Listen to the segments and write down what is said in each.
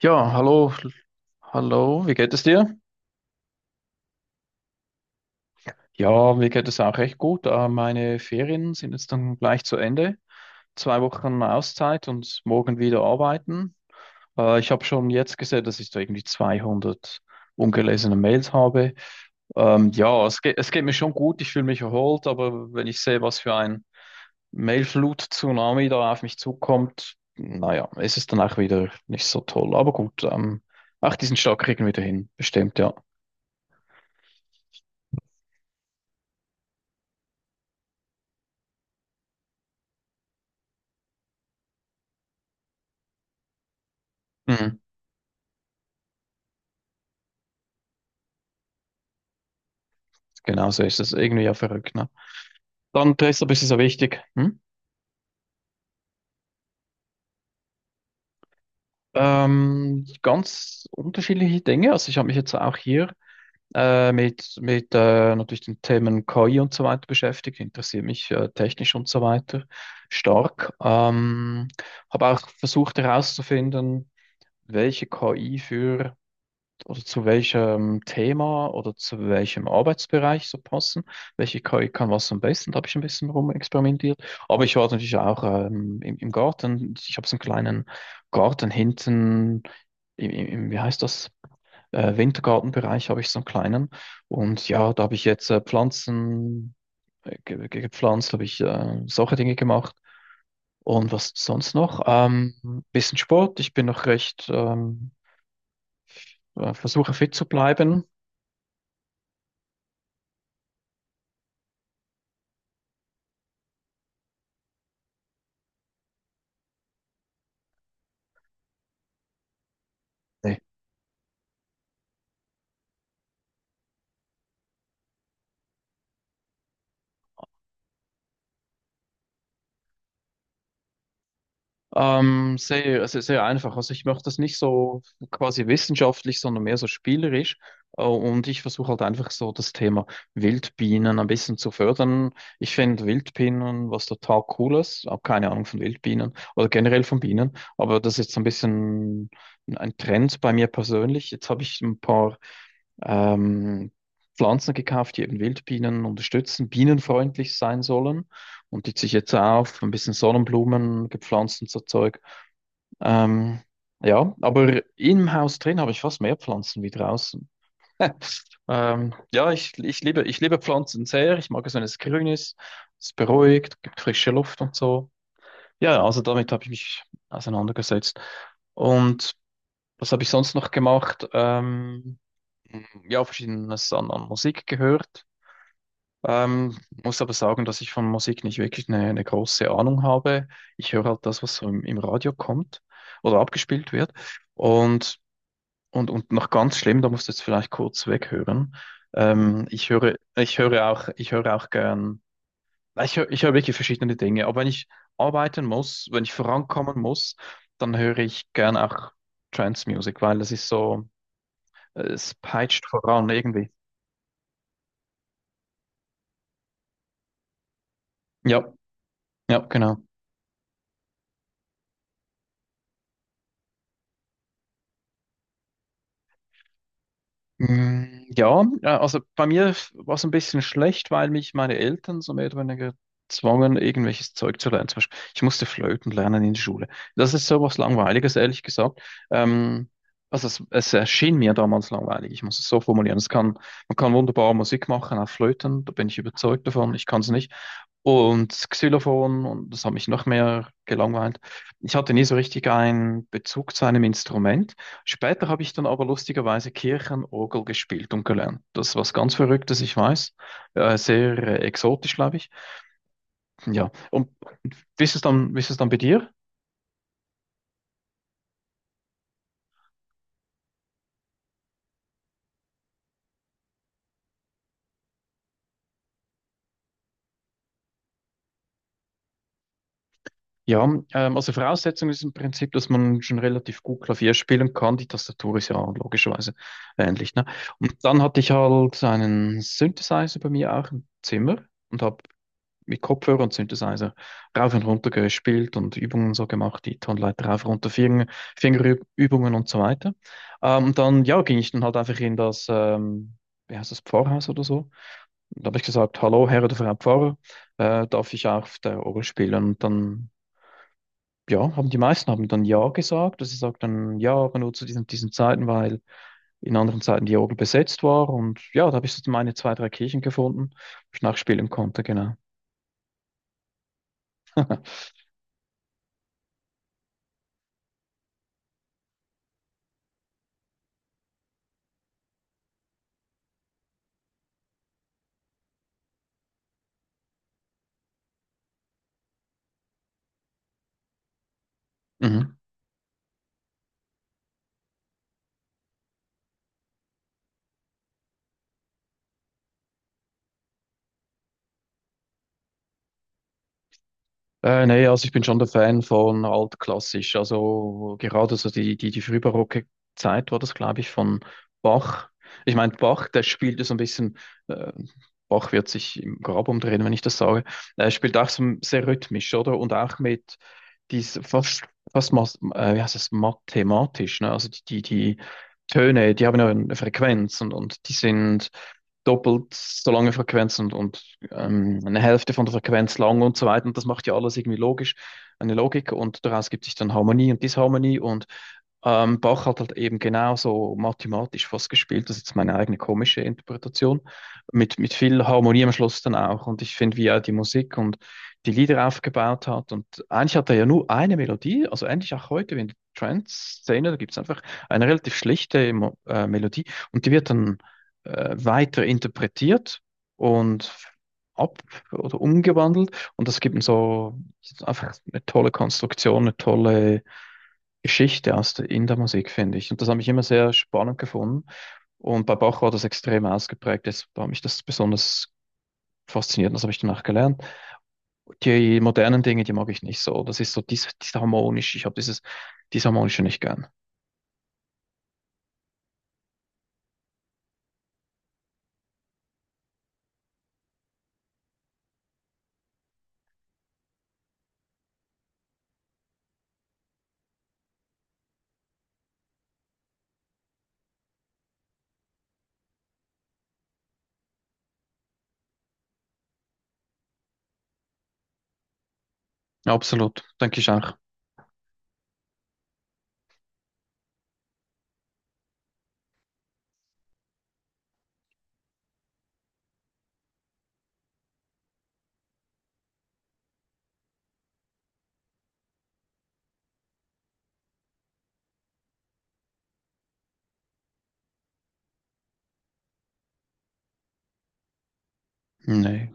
Ja, hallo, hallo, wie geht es dir? Ja, mir geht es auch recht gut. Meine Ferien sind jetzt dann gleich zu Ende. 2 Wochen Auszeit und morgen wieder arbeiten. Ich habe schon jetzt gesehen, dass ich da irgendwie 200 ungelesene Mails habe. Ja, es geht mir schon gut, ich fühle mich erholt, aber wenn ich sehe, was für ein Mailflut-Tsunami da auf mich zukommt, naja, ist es dann auch wieder nicht so toll. Aber gut, ach, diesen Start kriegen wir wieder hin, bestimmt, ja. Genau so ist es. Irgendwie ja verrückt, ne? Dann Dresdner ist du so wichtig. Hm? Ganz unterschiedliche Dinge. Also ich habe mich jetzt auch hier mit natürlich den Themen KI und so weiter beschäftigt, interessiere mich technisch und so weiter stark. Habe auch versucht herauszufinden, welche KI für oder zu welchem Thema oder zu welchem Arbeitsbereich so passen, welche KI kann was am besten, da habe ich ein bisschen rumexperimentiert. Aber ich war natürlich auch im Garten, ich habe so einen kleinen Garten hinten, wie heißt das, Wintergartenbereich habe ich so einen kleinen, und ja, da habe ich jetzt Pflanzen, ge ge gepflanzt, habe ich solche Dinge gemacht. Und was sonst noch? Bisschen Sport. Ich bin noch recht, versuche fit zu bleiben. Sehr, sehr, sehr einfach. Also ich mache das nicht so quasi wissenschaftlich, sondern mehr so spielerisch. Und ich versuche halt einfach so das Thema Wildbienen ein bisschen zu fördern. Ich finde Wildbienen was total Cooles. Habe keine Ahnung von Wildbienen oder generell von Bienen. Aber das ist so ein bisschen ein Trend bei mir persönlich. Jetzt habe ich ein paar ähm, Pflanzen gekauft, die eben Wildbienen unterstützen, bienenfreundlich sein sollen, und die ziehe ich jetzt auch auf, ein bisschen Sonnenblumen gepflanzt und so Zeug. Ähm, ja, aber im Haus drin habe ich fast mehr Pflanzen wie draußen. Ja, ich liebe Pflanzen sehr. Ich mag es, wenn es grün ist, es beruhigt, gibt frische Luft und so. Ja, also damit habe ich mich auseinandergesetzt. Und was habe ich sonst noch gemacht? Ja, verschiedenes an Musik gehört. Ähm, muss aber sagen, dass ich von Musik nicht wirklich eine große Ahnung habe. Ich höre halt das, was so im Radio kommt oder abgespielt wird. Und, und noch ganz schlimm, da musst du jetzt vielleicht kurz weghören. Ich höre auch gern, ich höre wirklich verschiedene Dinge. Aber wenn ich arbeiten muss, wenn ich vorankommen muss, dann höre ich gern auch Trance Music, weil das ist so, es peitscht voran irgendwie. Ja, ja, genau. Ja, ja, also bei mir war es ein bisschen schlecht, weil mich meine Eltern so mehr oder weniger zwangen, irgendwelches Zeug zu lernen. Zum Beispiel, ich musste Flöten lernen in der Schule. Das ist so was Langweiliges, ehrlich gesagt. Ähm, also es erschien mir damals langweilig. Ich muss es so formulieren. Man kann wunderbar Musik machen auf Flöten, da bin ich überzeugt davon. Ich kann es nicht. Und das Xylophon, und das hat mich noch mehr gelangweilt. Ich hatte nie so richtig einen Bezug zu einem Instrument. Später habe ich dann aber lustigerweise Kirchenorgel gespielt und gelernt. Das ist was ganz Verrücktes, ich weiß. Sehr exotisch, glaube ich. Ja, und wie ist es dann bei dir? Ja, also Voraussetzung ist im Prinzip, dass man schon relativ gut Klavier spielen kann. Die Tastatur ist ja logischerweise ähnlich, ne? Und dann hatte ich halt einen Synthesizer bei mir auch im Zimmer und habe mit Kopfhörer und Synthesizer rauf und runter gespielt und Übungen so gemacht, die Tonleiter rauf, runter, Finger, Fingerübungen und so weiter. Dann, ja, ging ich dann halt einfach in das, wie heißt das, Pfarrhaus oder so. Da habe ich gesagt, hallo, Herr oder Frau Pfarrer, darf ich auf der Orgel spielen? Und dann, ja, haben die meisten haben dann ja gesagt, dass sie dann ja, aber nur zu diesen Zeiten, weil in anderen Zeiten die Orgel besetzt war. Und ja, da habe ich so meine zwei, drei Kirchen gefunden, wo ich nachspielen konnte, genau. Mhm. Nee, also ich bin schon der Fan von altklassisch. Also gerade so die frühbarocke Zeit war das, glaube ich, von Bach. Ich meine, Bach, der spielte so ein bisschen. äh, Bach wird sich im Grab umdrehen, wenn ich das sage. Er spielt auch so sehr rhythmisch, oder? Und auch mit dies fast, wie heißt es, mathematisch, ne? Also die Töne, die haben ja eine Frequenz, und die sind doppelt so lange Frequenz, und eine Hälfte von der Frequenz lang und so weiter. Und das macht ja alles irgendwie logisch, eine Logik, und daraus gibt sich dann Harmonie und Disharmonie, und Bach hat halt eben genauso mathematisch fast gespielt, das ist jetzt meine eigene komische Interpretation, mit viel Harmonie am Schluss dann auch. Und ich finde, wie er die Musik und die Lieder aufgebaut hat. Und eigentlich hat er ja nur eine Melodie, also eigentlich auch heute in der Trance-Szene, da gibt es einfach eine relativ schlichte Mo Melodie, und die wird dann weiter interpretiert und ab oder umgewandelt. Und das gibt ihm so einfach eine tolle Konstruktion, eine tolle Geschichte in der Musik, finde ich. Und das habe ich immer sehr spannend gefunden. Und bei Bach war das extrem ausgeprägt. Das war mich das besonders fasziniert. Und das habe ich danach gelernt. Die modernen Dinge, die mag ich nicht so. Das ist so dies harmonisch. Ich habe dieses disharmonische nicht gern. Absolut. Denke ich auch. Nee.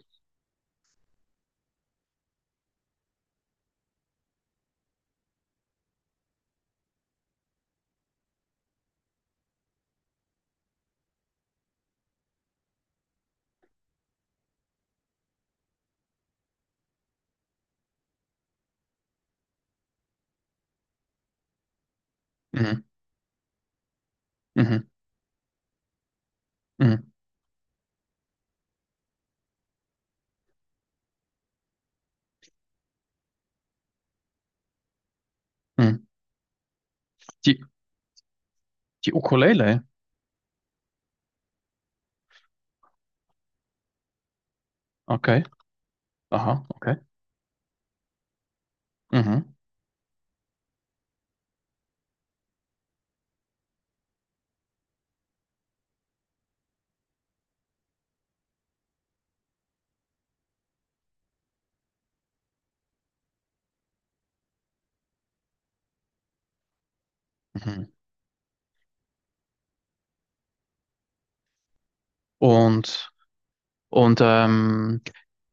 Mhm. Mhm. Mhm. Mhm. Die, die Ukulele. Okay. Aha. Okay. Mhm. Mhm. Und Und ähm,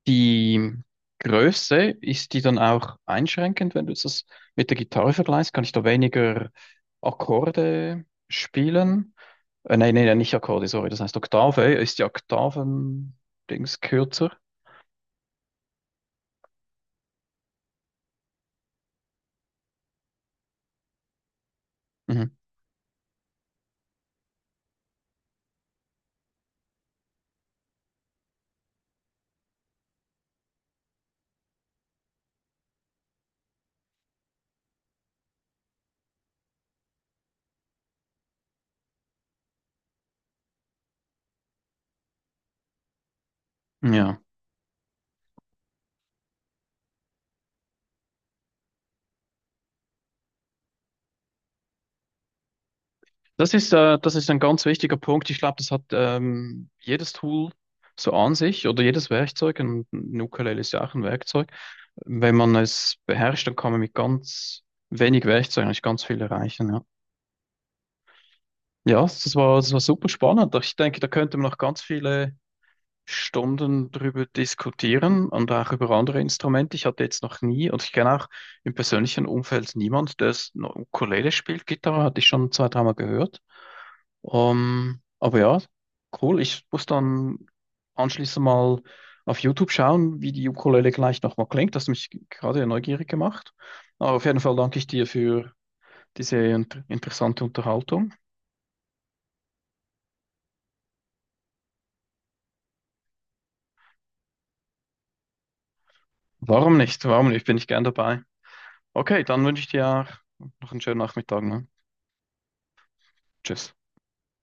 die Größe, ist die dann auch einschränkend, wenn du jetzt das mit der Gitarre vergleichst? Kann ich da weniger Akkorde spielen? Nein, nein, nein, nicht Akkorde, sorry. Das heißt Oktave. Ist die Oktaven-Dings kürzer? Mhm. Ja. Das ist ein ganz wichtiger Punkt. Ich glaube, das hat jedes Tool so an sich oder jedes Werkzeug. Und ein Ukulele ist ja auch ein Werkzeug. Wenn man es beherrscht, dann kann man mit ganz wenig Werkzeug eigentlich ganz viel erreichen. Ja, ja, das war super spannend. Ich denke, da könnte man noch ganz viele Stunden drüber diskutieren und auch über andere Instrumente. Ich hatte jetzt noch nie, und ich kenne auch im persönlichen Umfeld niemand, der es noch Ukulele spielt. Gitarre hatte ich schon zwei, dreimal gehört. Aber ja, cool. Ich muss dann anschließend mal auf YouTube schauen, wie die Ukulele gleich nochmal klingt. Das hat mich gerade ja neugierig gemacht. Aber auf jeden Fall danke ich dir für diese interessante Unterhaltung. Warum nicht? Warum nicht? Bin ich gern dabei. Okay, dann wünsche ich dir auch noch einen schönen Nachmittag, ne? Tschüss.